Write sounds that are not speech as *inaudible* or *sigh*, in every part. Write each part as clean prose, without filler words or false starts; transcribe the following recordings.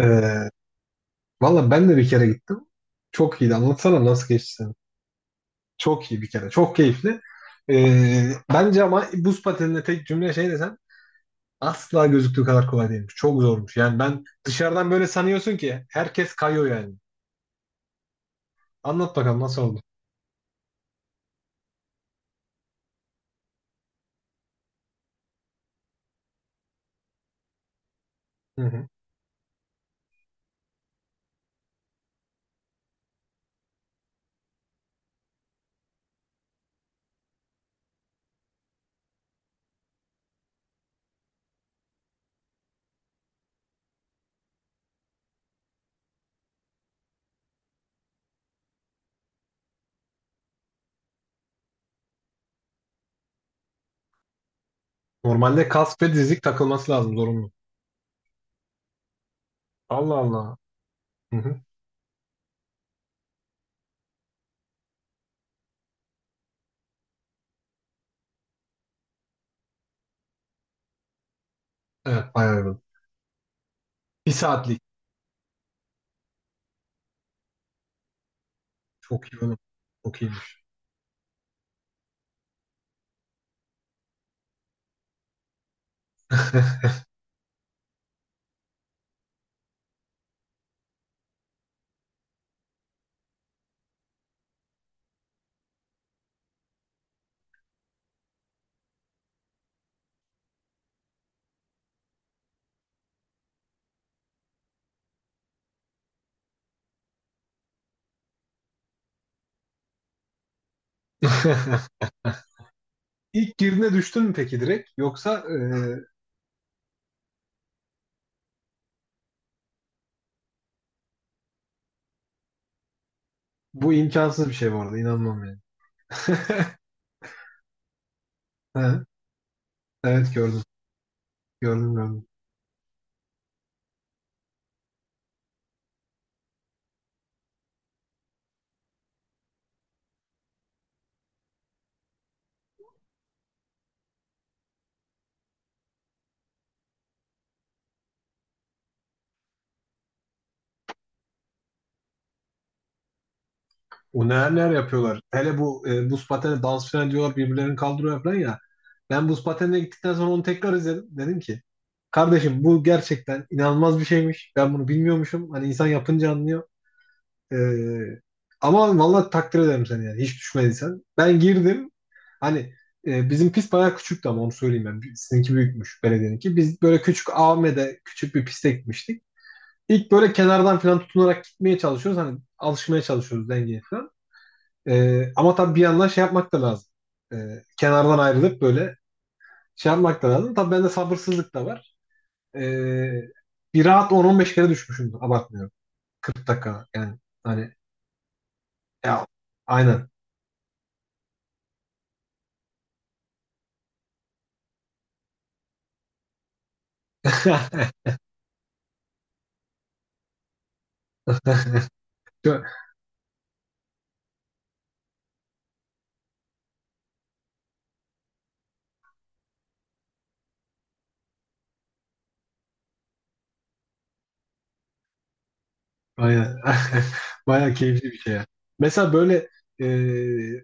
Ee, Valla ben de bir kere gittim. Çok iyiydi. Anlatsana nasıl geçti senin? Çok iyi bir kere. Çok keyifli. Bence ama buz pateninde tek cümle şey desem asla gözüktüğü kadar kolay değilmiş. Çok zormuş. Yani ben dışarıdan böyle sanıyorsun ki herkes kayıyor yani. Anlat bakalım nasıl oldu? Hı hı. Normalde kask ve dizlik takılması lazım zorunlu. Allah Allah. Hı hı. Evet, bayağı uygun. Bir saatlik. Çok iyi oğlum. Çok iyiymiş. *laughs* İlk girdiğinde düştün mü peki direkt? Bu imkansız bir şey bu arada. İnanmam yani. *laughs* Ha, evet gördüm. Gördüm gördüm. O neler neler yapıyorlar. Hele bu buz pateni dans falan diyorlar birbirlerini kaldırıyor falan ya. Ben buz patenine gittikten sonra onu tekrar izledim. Dedim ki kardeşim bu gerçekten inanılmaz bir şeymiş. Ben bunu bilmiyormuşum. Hani insan yapınca anlıyor. Ee, Ama vallahi takdir ederim seni yani. Hiç düşmediysen. Ben girdim. Hani bizim pist bayağı küçüktü ama onu söyleyeyim ben. Sizinki büyükmüş belediyeninki. Biz böyle küçük AVM'de küçük bir piste gitmiştik. İlk böyle kenardan falan tutunarak gitmeye çalışıyoruz. Hani alışmaya çalışıyoruz dengeye falan. Ama tabii bir yandan şey yapmak da lazım. Kenardan ayrılıp böyle şey yapmak da lazım. Tabii bende sabırsızlık da var. Ee, Bir rahat 10-15 kere düşmüşümdür. Abartmıyorum. 40 dakika yani. Hani ya aynen. *laughs* *laughs* Çok- Aynen. *laughs* Bayağı keyifli bir şey ya. Mesela böyle e,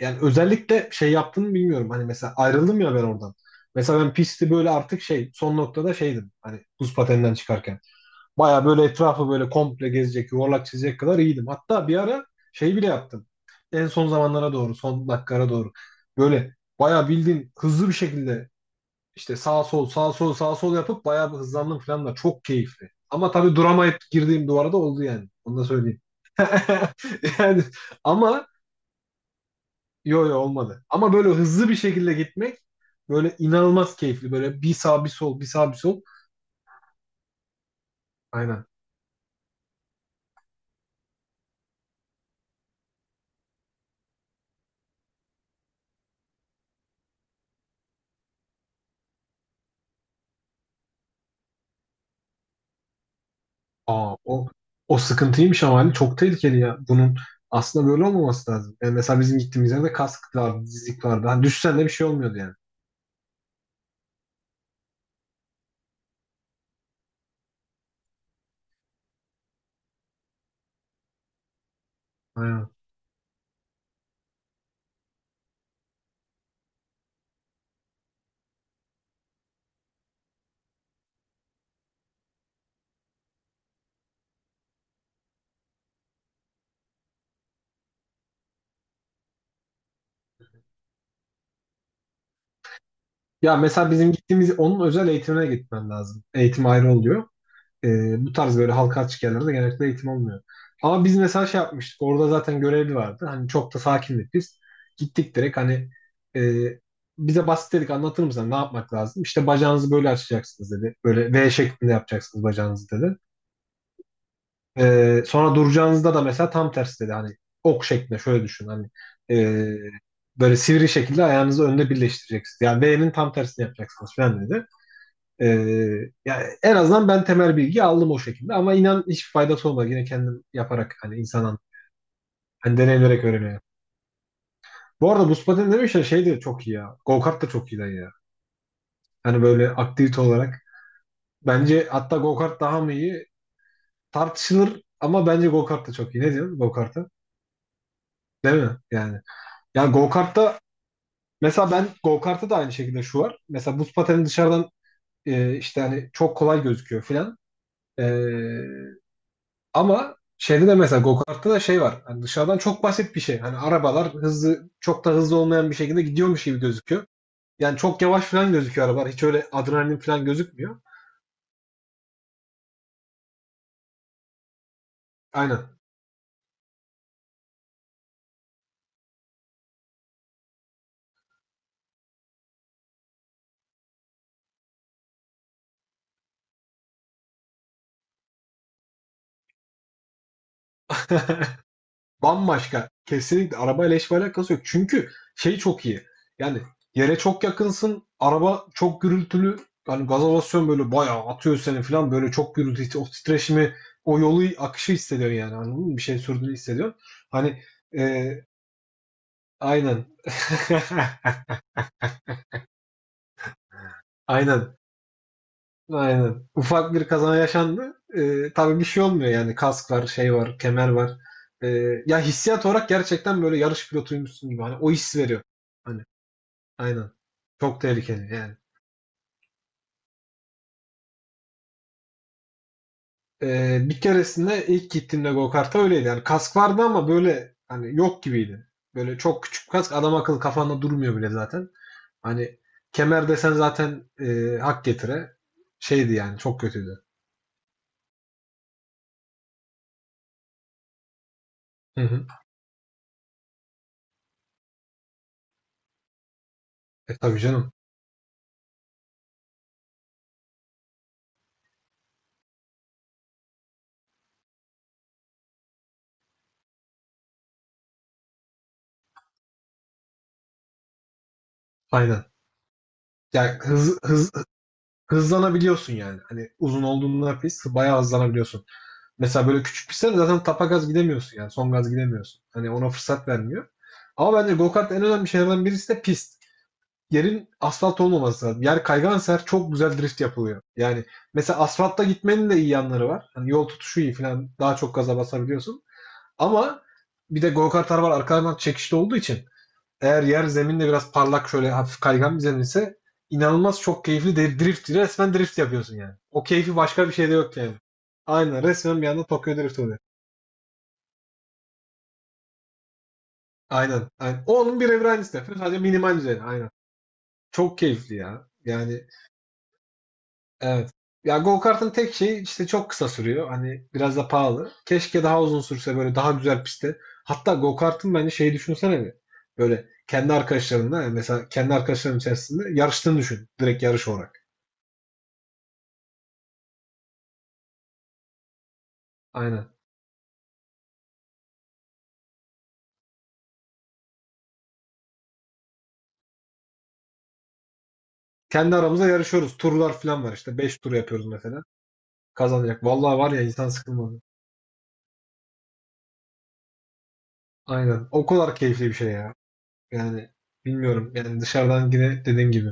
yani özellikle şey yaptığını bilmiyorum. Hani mesela ayrıldım ya ben oradan. Mesela ben pisti böyle artık şey son noktada şeydim. Hani buz pateninden çıkarken. Bayağı böyle etrafı böyle komple gezecek, yuvarlak çizecek kadar iyiydim. Hatta bir ara şey bile yaptım. En son zamanlara doğru, son dakikalara doğru. Böyle bayağı bildiğin hızlı bir şekilde İşte sağ sol sağ sol sağ sol yapıp bayağı bir hızlandım falan da çok keyifli. Ama tabii duramayıp girdiğim duvara da oldu yani. Onu da söyleyeyim. *laughs* Yani ama yo yo olmadı. Ama böyle hızlı bir şekilde gitmek böyle inanılmaz keyifli. Böyle bir sağ bir sol bir sağ bir sol. Aynen. Aa, o sıkıntıymış ama hani çok tehlikeli ya. Bunun aslında böyle olmaması lazım. Yani mesela bizim gittiğimiz yerde kask vardı, dizlik vardı. Hani düşsen de bir şey olmuyordu yani. Aynen. Ya mesela bizim gittiğimiz onun özel eğitimine gitmen lazım. Eğitim ayrı oluyor. E, bu tarz böyle halka açık yerlerde genellikle eğitim olmuyor. Ama biz mesela şey yapmıştık. Orada zaten görevli vardı. Hani çok da sakindik biz. Gittik direkt hani e, bize basit dedik anlatır mısın ne yapmak lazım? İşte bacağınızı böyle açacaksınız dedi. Böyle V şeklinde yapacaksınız bacağınızı dedi. E, sonra duracağınızda da mesela tam tersi dedi. Hani ok şeklinde şöyle düşün hani e, böyle sivri şekilde ayağınızı önde birleştireceksiniz. Yani V'nin tam tersini yapacaksınız falan dedi. Ee, Yani en azından ben temel bilgi aldım o şekilde ama inan hiç faydası olmadı. Yine kendim yaparak hani insanın hani deneyimlerek öğreniyor. Bu arada buz pateni demişler şey de çok iyi ya. Go kart da çok iyi lan ya. Hani böyle aktivite olarak. Bence hatta go kart daha mı iyi tartışılır ama bence go kart da çok iyi. Ne diyorsun go kart'a? Değil mi? Yani. Yani go kart'ta mesela ben go kart'ta da aynı şekilde şu var. Mesela buz pateni dışarıdan işte hani çok kolay gözüküyor filan. E, Ama şeyde de mesela go-kart'ta da şey var. Hani dışarıdan çok basit bir şey. Hani arabalar hızlı çok da hızlı olmayan bir şekilde gidiyormuş gibi gözüküyor. Yani çok yavaş falan gözüküyor arabalar. Hiç öyle adrenalin falan gözükmüyor. Aynen. *laughs* Bambaşka. Kesinlikle arabayla hiçbir alakası yok. Çünkü şey çok iyi. Yani yere çok yakınsın. Araba çok gürültülü. Yani gaza basıyorsun böyle bayağı atıyor seni falan. Böyle çok gürültü, o titreşimi, o yolu akışı hissediyorsun yani. Anladın mı? Bir şey sürdüğünü hissediyorsun. Hani e, aynen. *laughs* Aynen. Aynen. Ufak bir kaza yaşandı. Tabii bir şey olmuyor yani. Kask var, şey var, kemer var. Ee, Ya hissiyat olarak gerçekten böyle yarış pilotuymuşsun gibi. Hani o his veriyor. Hani aynen. Çok tehlikeli yani. Bir keresinde ilk gittiğimde go-kart'a öyleydi. Yani kask vardı ama böyle hani yok gibiydi. Böyle çok küçük kask adam akıllı kafanda durmuyor bile zaten. Hani kemer desen zaten hak getire. Şeydi yani çok kötüydü. Hı hı. E tabii canım. Aynen. Yani hız, hızlanabiliyorsun yani. Hani uzun olduğunda pist bayağı hızlanabiliyorsun. Mesela böyle küçük pistlerde zaten tapa gaz gidemiyorsun yani. Son gaz gidemiyorsun. Hani ona fırsat vermiyor. Ama bence go-kart en önemli şeylerden birisi de pist. Yerin asfalt olmaması lazım. Yer kaygansa her çok güzel drift yapılıyor. Yani mesela asfaltta gitmenin de iyi yanları var. Hani yol tutuşu iyi falan daha çok gaza basabiliyorsun. Ama bir de go-kartlar var arkalarından çekişli olduğu için eğer yer zeminde biraz parlak şöyle hafif kaygan bir zemin ise inanılmaz çok keyifli de drift. Resmen drift yapıyorsun yani. O keyfi başka bir şeyde yok yani. Aynen resmen bir anda Tokyo Drift oluyor. Aynen. Aynen. O onun bir evren aynısı. Sadece minimal düzeyde. Aynen. Çok keyifli ya. Yani evet. Ya go kartın tek şeyi işte çok kısa sürüyor. Hani biraz da pahalı. Keşke daha uzun sürse böyle daha güzel pistte. Hatta go kartın bence şeyi düşünsene bir. Böyle kendi arkadaşlarınla yani mesela kendi arkadaşların içerisinde yarıştığını düşün. Direkt yarış olarak. Aynen. Kendi aramızda yarışıyoruz. Turlar falan var işte. 5 tur yapıyoruz mesela. Kazanacak. Vallahi var ya insan sıkılmadı. Aynen. O kadar keyifli bir şey ya. Yani bilmiyorum. Yani dışarıdan yine dediğim gibi.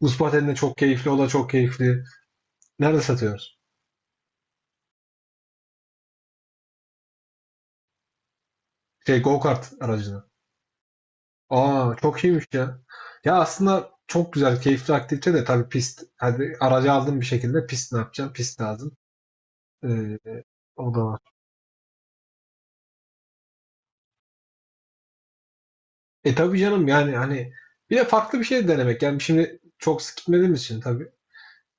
Ispartel'in de çok keyifli. O da çok keyifli. Nerede satıyoruz? Şey go-kart aracını. Aa çok iyiymiş ya. Ya aslında çok güzel, keyifli aktivite de tabii pist. Hadi aracı aldın bir şekilde pist ne yapacaksın? Pist lazım. Ee, O da var. E tabii canım yani hani bir de farklı bir şey denemek. Yani şimdi çok sık gitmediğimiz için tabii.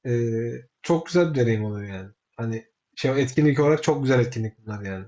Çok güzel bir deneyim oluyor yani. Hani şey etkinlik olarak çok güzel etkinlik bunlar yani.